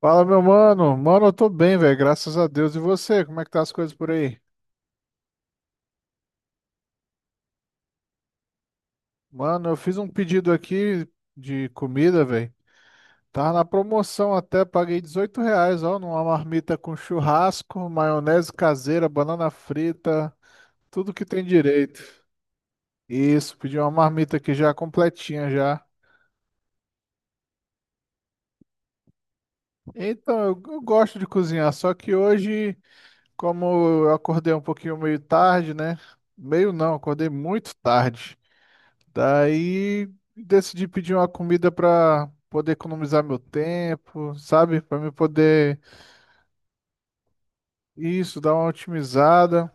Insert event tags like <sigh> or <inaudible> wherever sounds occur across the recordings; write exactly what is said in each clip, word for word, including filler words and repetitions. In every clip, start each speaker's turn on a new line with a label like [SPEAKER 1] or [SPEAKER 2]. [SPEAKER 1] Fala, meu mano. Mano, eu tô bem, velho, graças a Deus. E você, como é que tá as coisas por aí? Mano, eu fiz um pedido aqui de comida, velho. Tava na promoção até, paguei dezoito reais, ó, numa marmita com churrasco, maionese caseira, banana frita, tudo que tem direito. Isso, pedi uma marmita aqui já completinha já. Então, eu, eu gosto de cozinhar, só que hoje, como eu acordei um pouquinho meio tarde, né? Meio não, acordei muito tarde. Daí decidi pedir uma comida para poder economizar meu tempo, sabe? Para me poder isso, dar uma otimizada.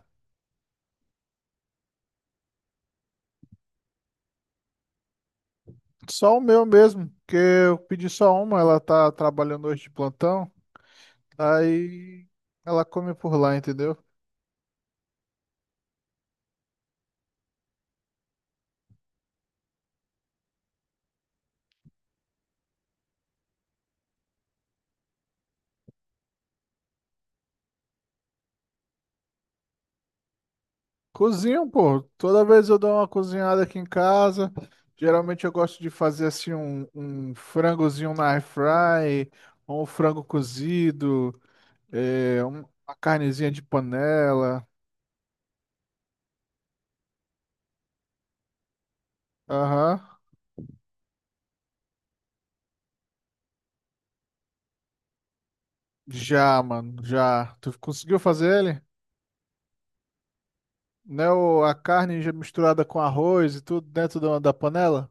[SPEAKER 1] Só o meu mesmo, porque eu pedi só uma, ela tá trabalhando hoje de plantão. Aí ela come por lá, entendeu? Cozinho, pô. Toda vez eu dou uma cozinhada aqui em casa. Geralmente eu gosto de fazer assim um, um frangozinho na air fry, ou um frango cozido, é, um- uma carnezinha de panela. Aham. Já, mano, já. Tu conseguiu fazer ele? Né, o- a carne já misturada com arroz e tudo dentro da, da panela?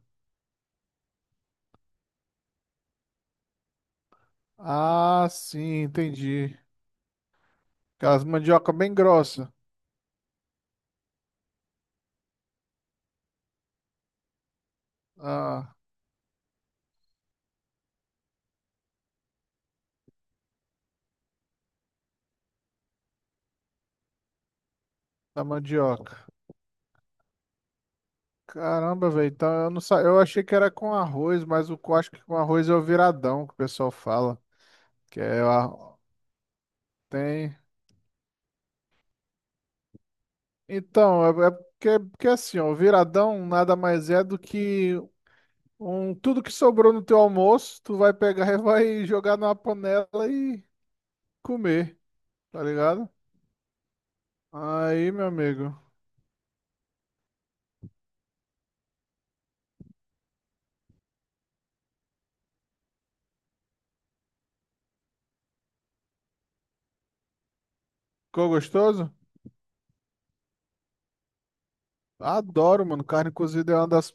[SPEAKER 1] Ah, sim, entendi. Aquelas mandioca bem grossa. Ah, da mandioca. Caramba, velho. Então eu não sa... eu achei que era com arroz, mas o eu acho que com arroz é o viradão que o pessoal fala. Que é a... tem. Então, é, é porque, porque assim, ó, o viradão nada mais é do que um, tudo que sobrou no teu almoço, tu vai pegar e vai jogar numa panela e comer, tá ligado? Aí, meu amigo, ficou gostoso? Adoro, mano. Carne cozida é uma das.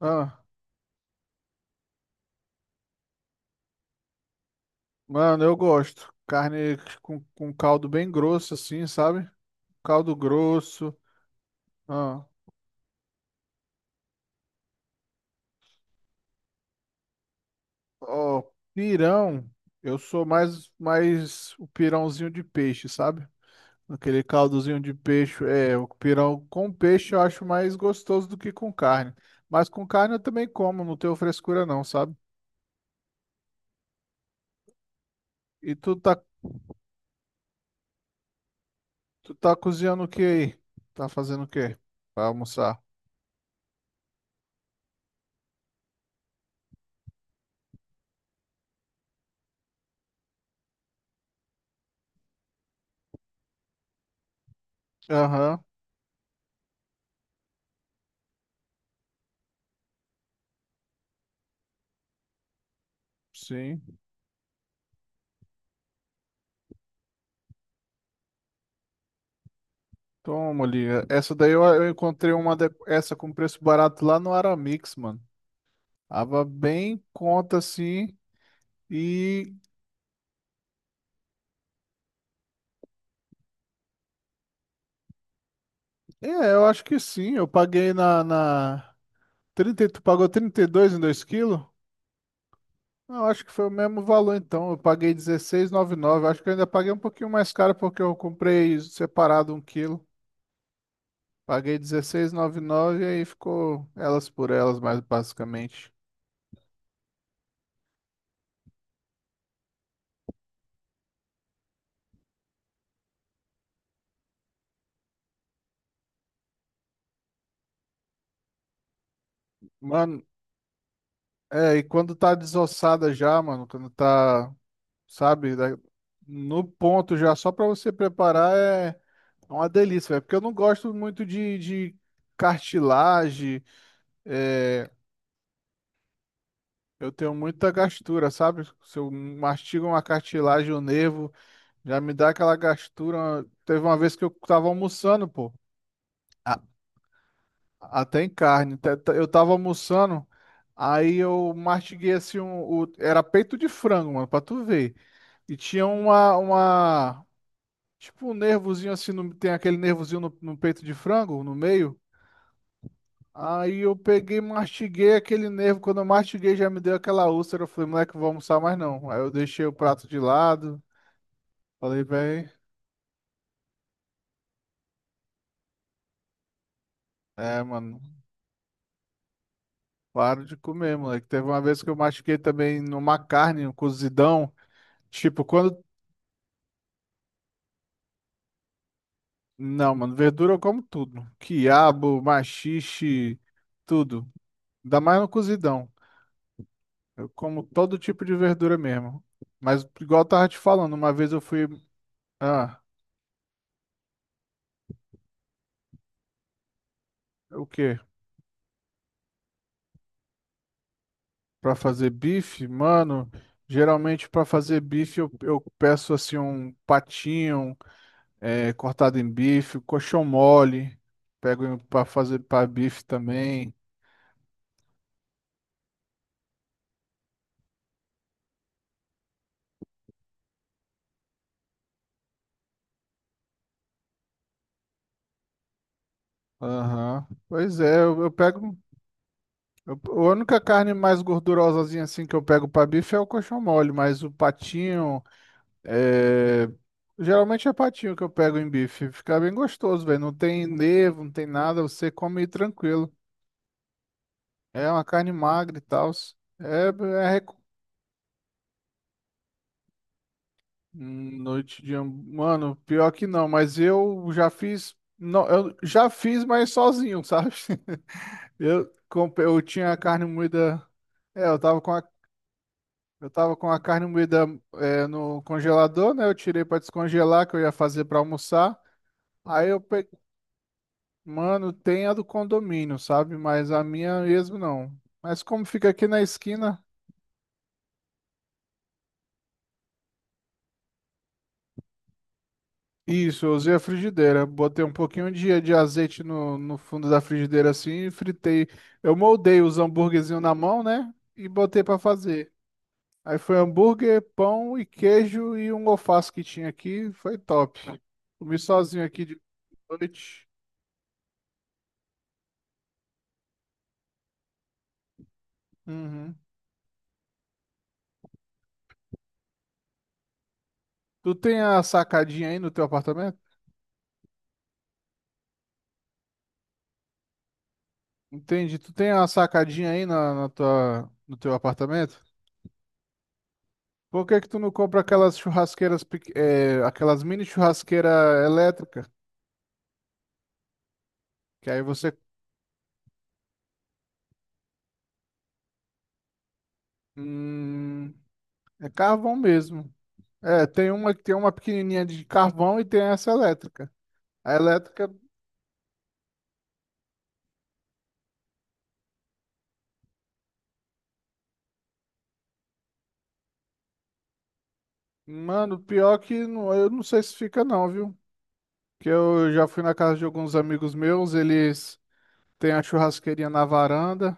[SPEAKER 1] Ah, mano, eu gosto. Carne com, com caldo bem grosso, assim, sabe? Caldo grosso. Ah, ó, pirão. Eu sou mais, mais o pirãozinho de peixe, sabe? Aquele caldozinho de peixe, é, o pirão com peixe eu acho mais gostoso do que com carne. Mas com carne eu também como, não tenho frescura não, sabe? E tu tá, tu tá cozinhando o que aí? Tá fazendo o quê? Pra almoçar. Aham, sim. Toma ali. Essa daí eu, eu encontrei uma de- essa com preço barato lá no Aramix, mano. Tava bem em conta assim. E é, eu acho que sim. Eu paguei na, na trinta e- tu pagou trinta e dois em dois quilos? Não, acho que foi o mesmo valor então. Eu paguei dezesseis e noventa e nove. Acho que eu ainda paguei um pouquinho mais caro porque eu comprei separado um quilo. Paguei dezesseis e noventa e nove e aí ficou elas por elas, mais basicamente. Mano, é, e quando tá desossada já, mano, quando tá, sabe, da- no ponto já, só pra você preparar é é uma delícia, velho. Porque eu não gosto muito de, de cartilagem, é, eu tenho muita gastura, sabe? Se eu mastigo uma cartilagem, o nervo já me dá aquela gastura. Teve uma vez que eu tava almoçando, pô. a- Até em carne. Te- te- Eu tava almoçando, aí eu mastiguei assim um. o- Era peito de frango, mano, pra tu ver. E tinha uma, uma. Tipo um nervozinho assim, no- tem aquele nervozinho no, no peito de frango, no meio. Aí eu peguei, mastiguei aquele nervo. Quando eu mastiguei, já me deu aquela úlcera. Eu falei, moleque, não vou almoçar mais não. Aí eu deixei o prato de lado. Falei, véi. É, mano. Claro de comer, moleque. Teve uma vez que eu machuquei também numa carne, um cozidão. Tipo, quando. Não, mano, verdura eu como tudo. Quiabo, maxixe, tudo. Ainda mais no cozidão. Eu como todo tipo de verdura mesmo. Mas, igual eu tava te falando, uma vez eu fui. Ah, o quê? Pra fazer bife? Mano, geralmente pra fazer bife eu, eu peço assim um patinho eh, cortado em bife, coxão mole. Pego pra fazer pra bife também. Aham. Pois é, eu, eu pego. eu- a única carne mais gordurosazinha assim que eu pego pra bife é o coxão mole, mas o patinho é. Geralmente é patinho que eu pego em bife. Fica bem gostoso, velho. Não tem nervo, não tem nada. Você come tranquilo. É uma carne magra e tal. É, é reco- hum, noite de. ham- Mano, pior que não, mas eu já fiz. Não, eu já fiz, mas sozinho, sabe? <laughs> Eu, comp- eu tinha a carne moída. É, eu tava com a eu tava com a carne moída é, no congelador, né? Eu tirei pra descongelar, que eu ia fazer pra almoçar. Aí eu peguei, mano, tem a do condomínio, sabe? Mas a minha mesmo não. Mas como fica aqui na esquina, isso, eu usei a frigideira. Botei um pouquinho de, de azeite no, no fundo da frigideira assim e fritei. Eu moldei os hambúrguerzinhos na mão, né? E botei pra fazer. Aí foi hambúrguer, pão e queijo e um alface que tinha aqui. Foi top. Comi sozinho aqui de noite. Uhum. Tu tem a sacadinha aí no teu apartamento? Entendi. Tu tem a sacadinha aí na, na tua, no teu apartamento? Por que que tu não compra aquelas churrasqueiras, pequ- eh, aquelas mini churrasqueira elétrica? Que aí você, hum, é carvão mesmo. É, tem uma que tem uma pequenininha de carvão e tem essa elétrica. A elétrica, mano, pior que não, eu não sei se fica não, viu? Que eu já fui na casa de alguns amigos meus, eles têm a churrasqueirinha na varanda.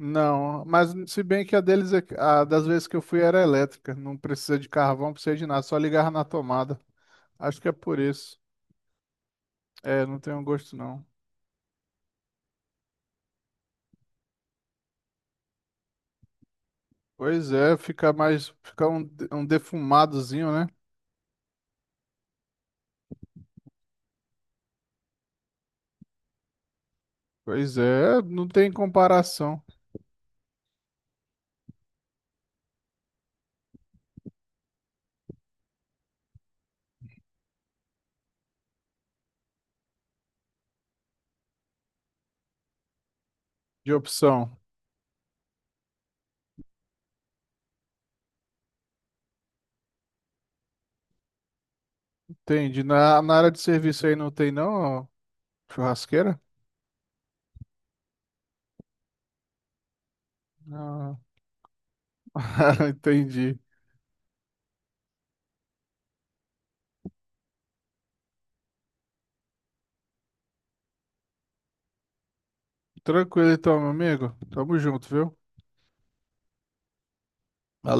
[SPEAKER 1] Não, mas se bem que a deles, é- a das vezes que eu fui era elétrica, não precisa de carvão, não precisa de nada, só ligava na tomada. Acho que é por isso. É, não tem um gosto não. Pois é, fica mais, fica um, um defumadozinho, né? Pois é, não tem comparação de opção. Entendi. Na, na área de serviço aí não tem não, ó, churrasqueira? Não. <laughs> Entendi. Tranquilo então, meu amigo. Tamo junto, viu? Valeu.